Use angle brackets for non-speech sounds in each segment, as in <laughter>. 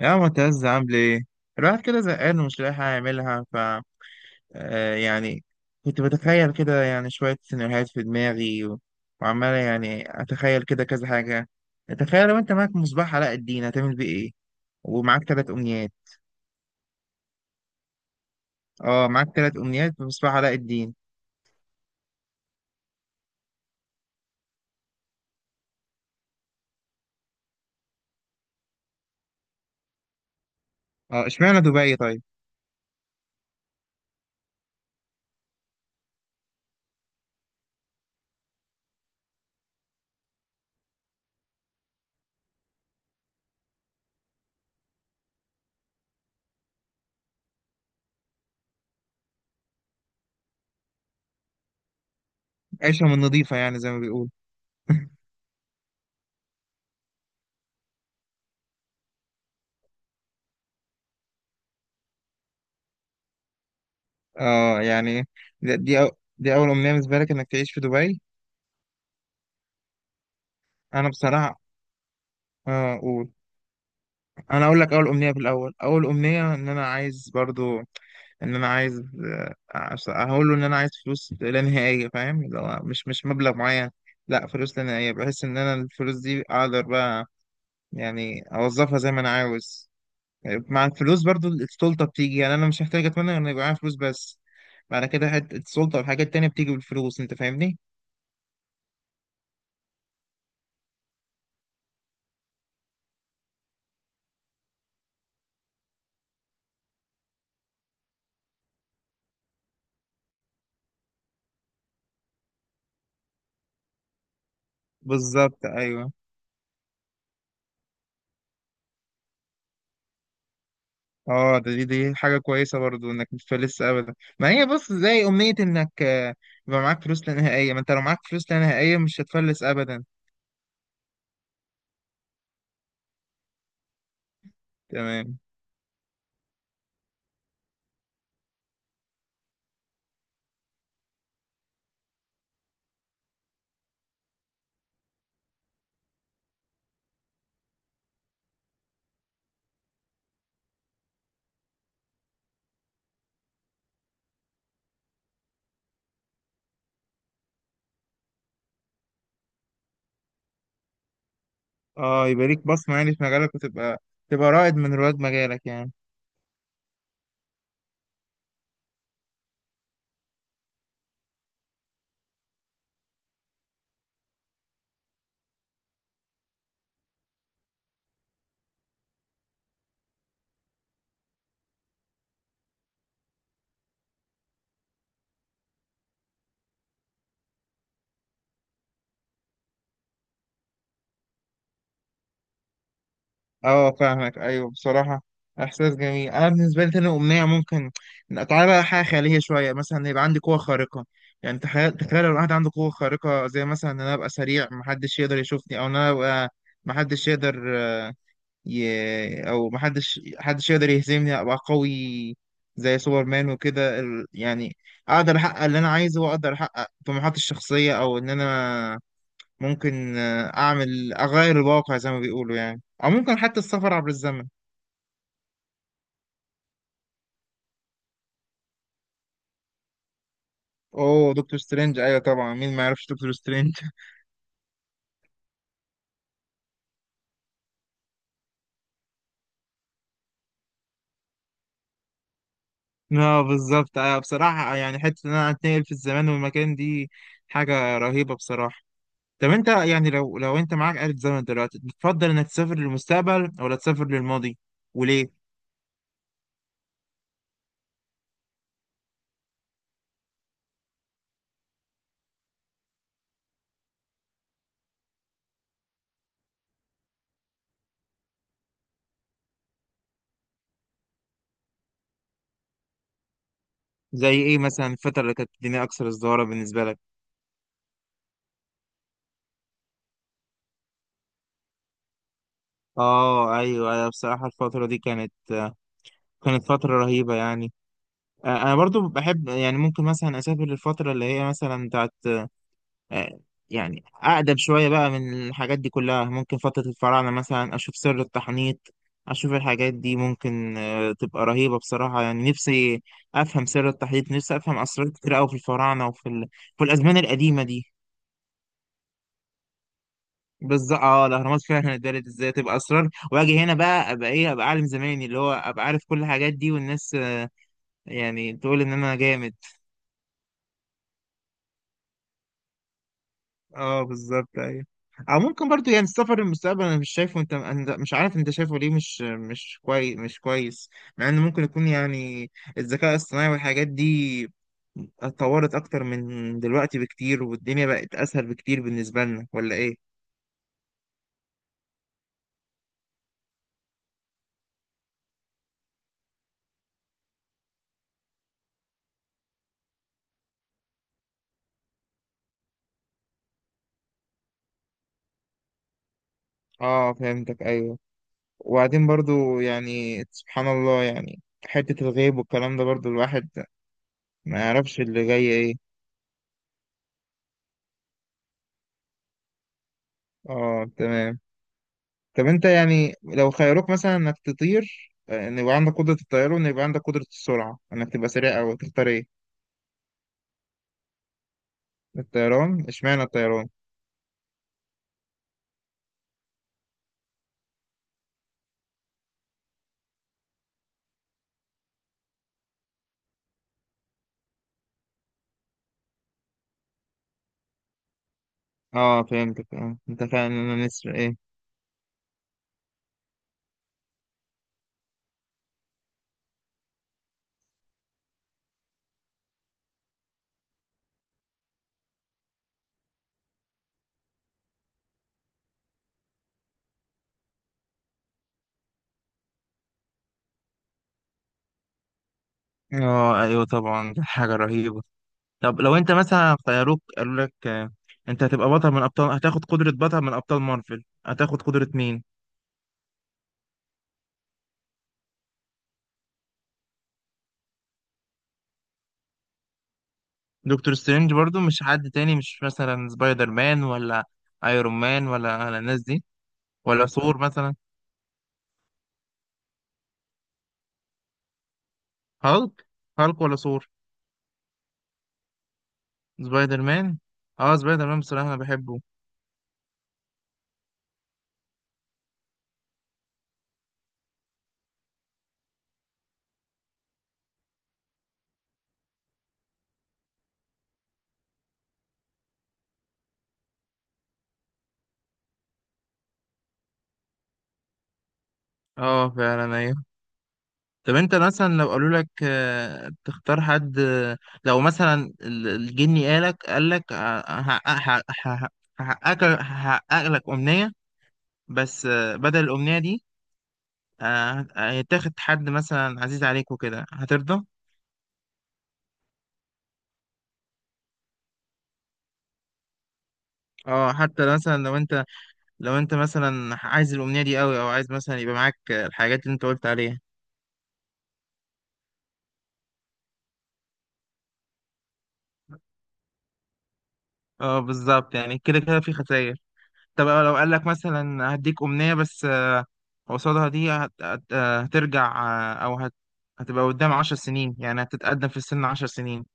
يا معتز، عامل ايه؟ الواحد كده زهقان ومش لاقي حاجة يعملها. ف آه، يعني كنت بتخيل كده، يعني، شوية سيناريوهات في دماغي وعمال، يعني، أتخيل كده كذا حاجة. تخيل لو أنت معاك مصباح علاء الدين هتعمل بيه ايه؟ ومعاك تلات أمنيات. اه، معاك تلات أمنيات بمصباح علاء الدين. اه، اشمعنى دبي طيب؟ عيشة من نظيفة، يعني، زي ما بيقول. <laughs> اه، يعني، دي دي, أو... دي أول أمنية بالنسبة لك إنك تعيش في دبي؟ أنا بصراحة. اه، قول. انا اقول لك اول امنيه في الاول، اول امنيه ان انا عايز برضو. ان انا عايز آه، أص- هقول له ان انا عايز فلوس لا نهائيه، فاهم؟ اللي هو مش مبلغ معين، لا، فلوس لا نهائيه. بحس ان انا الفلوس دي اقدر بقى، يعني، اوظفها زي ما انا عاوز. مع الفلوس برضو السلطه بتيجي، يعني، انا مش محتاج اتمنى ان يبقى معايا فلوس بس. بعد كده حته السلطه والحاجات التانيه بتيجي بالفلوس، انت فاهمني؟ بالظبط، ايوه. اه، ده دي دي حاجة كويسة برضو، انك مش فلس ابدا. ما هي بص، زي امنية انك يبقى معاك فلوس لا نهائية، ما انت لو معاك فلوس لا نهائية مش هتفلس ابدا. تمام. اه، يبقى ليك بصمة، يعني، في مجالك، وتبقى رائد من رواد مجالك يعني. اه، فاهمك، ايوه بصراحة. احساس جميل. انا بالنسبة لي تاني امنية ممكن، تعالى بقى حاجة خيالية شوية، مثلا يبقى عندي قوة خارقة. يعني تخيل، تخيل لو واحد عنده قوة خارقة، زي مثلا ان انا ابقى سريع محدش يقدر يشوفني، او ان انا ابقى محدش يقدر يهزمني، ابقى قوي زي سوبرمان وكده، يعني اقدر احقق اللي انا عايزه واقدر احقق طموحاتي الشخصية. او ان انا ممكن اغير الواقع زي ما بيقولوا، يعني، او ممكن حتى السفر عبر الزمن. اوه، دكتور سترينج، ايوه طبعا، مين ما يعرفش دكتور سترينج؟ <laughs> اه، بالظبط، ايوه بصراحة. يعني حتة ان انا اتنقل في الزمان والمكان دي حاجة رهيبة بصراحة. طب انت، يعني، لو انت معاك آلة زمن دلوقتي، بتفضل انك تسافر للمستقبل ولا تسافر للماضي؟ وليه؟ زي ايه مثلا الفترة اللي كانت الدنيا اكثر ازدهارا بالنسبة لك؟ اه، ايوه، انا بصراحة الفترة دي كانت فترة رهيبة يعني. انا برضو بحب، يعني، ممكن مثلا اسافر للفترة اللي هي مثلا بتاعت، آه، يعني، أقدم شوية بقى من الحاجات دي كلها. ممكن فترة الفراعنة مثلا، أشوف سر التحنيط، أشوف الحاجات دي ممكن تبقى رهيبة بصراحة. يعني نفسي أفهم سر التحنيط، نفسي أفهم أسرار كتير أوي في الفراعنة في الأزمان القديمة دي. بالظبط، اه الأهرامات فعلا اتدارت ازاي، تبقى أسرار، وأجي هنا بقى أبقى إيه، أبقى عالم زماني اللي هو أبقى عارف كل الحاجات دي، والناس يعني تقول إن أنا جامد. اه، بالظبط، ايوه. او ممكن برضو، يعني، السفر للمستقبل انا مش شايفه، انت، مش عارف انت شايفه ليه، مش كويس، مش كويس. مع انه ممكن يكون، يعني، الذكاء الاصطناعي والحاجات دي اتطورت اكتر من دلوقتي بكتير، والدنيا بقت اسهل بكتير بالنسبة لنا، ولا ايه؟ اه، فهمتك ايوه. وبعدين برضو، يعني، سبحان الله، يعني، حتة الغيب والكلام ده برضو الواحد ما يعرفش اللي جاي ايه. اه، تمام. طب انت، يعني، لو خيروك مثلا انك تطير، ان يبقى عندك قدرة الطيران، وان يبقى عندك قدرة السرعة انك تبقى سريع، او تختار ايه؟ الطيران، اشمعنى الطيران؟ اه، فهمتك. اه، انت فعلا، انا نسر ايه؟ اه، ايوه طبعا، دي حاجة رهيبة. طب لو انت مثلا خيروك، قالوا لك انت هتبقى بطل من ابطال، هتاخد قدرة بطل من ابطال مارفل، هتاخد قدرة مين؟ دكتور سترينج برضو؟ مش حد تاني، مش مثلا سبايدر مان، ولا ايرون مان، ولا الناس دي؟ ولا ثور مثلا؟ هالك. هالك ولا ثور؟ سبايدر مان. اه سبايدر مان، بصراحة انا بحبه. اه، فعلا ايوه. طب انت مثلا لو قالوا لك تختار حد، لو مثلا الجني قالك هحقق لك أمنية، بس بدل الأمنية دي، هيتاخد حد مثلا عزيز عليك وكده، هترضى؟ اه، حتى مثلا لو انت، مثلا عايز الأمنية دي قوي، او عايز مثلا يبقى معاك الحاجات اللي انت قلت عليها؟ اه، بالظبط، يعني كده كده في خسائر. طب لو قال لك مثلا هديك أمنية، بس قصادها دي هت... هت... آه، هترجع، أو هتبقى قدام 10 سنين، يعني هتتقدم في السن 10 سنين.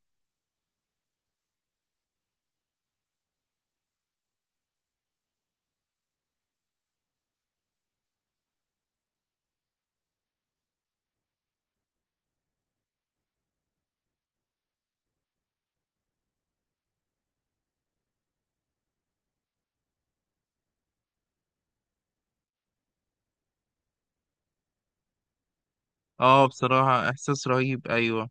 اه، بصراحة إحساس رهيب، أيوة.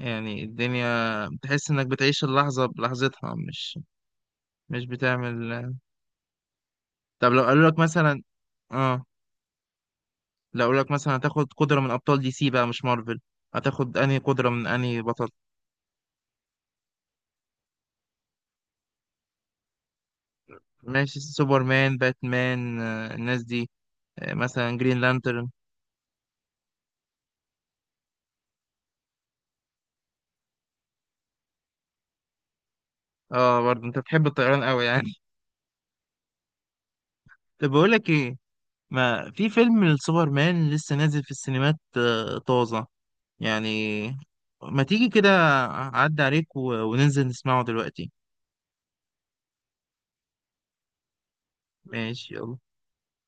يعني الدنيا، بتحس إنك بتعيش اللحظة بلحظتها، مش بتعمل. طب لو قالوا لك مثلا، اه هتاخد قدرة من أبطال DC بقى، مش مارفل، هتاخد أنهي قدرة من أنهي بطل؟ ماشي، سوبرمان، باتمان، الناس دي، مثلا جرين لانترن. اه، برضه انت بتحب الطيران قوي يعني. <laughs> طب بقول لك ايه، ما في فيلم السوبرمان لسه نازل في السينمات، طازة يعني. ما تيجي كده، اعدي عليك وننزل نسمعه دلوقتي. ماشي، يلا.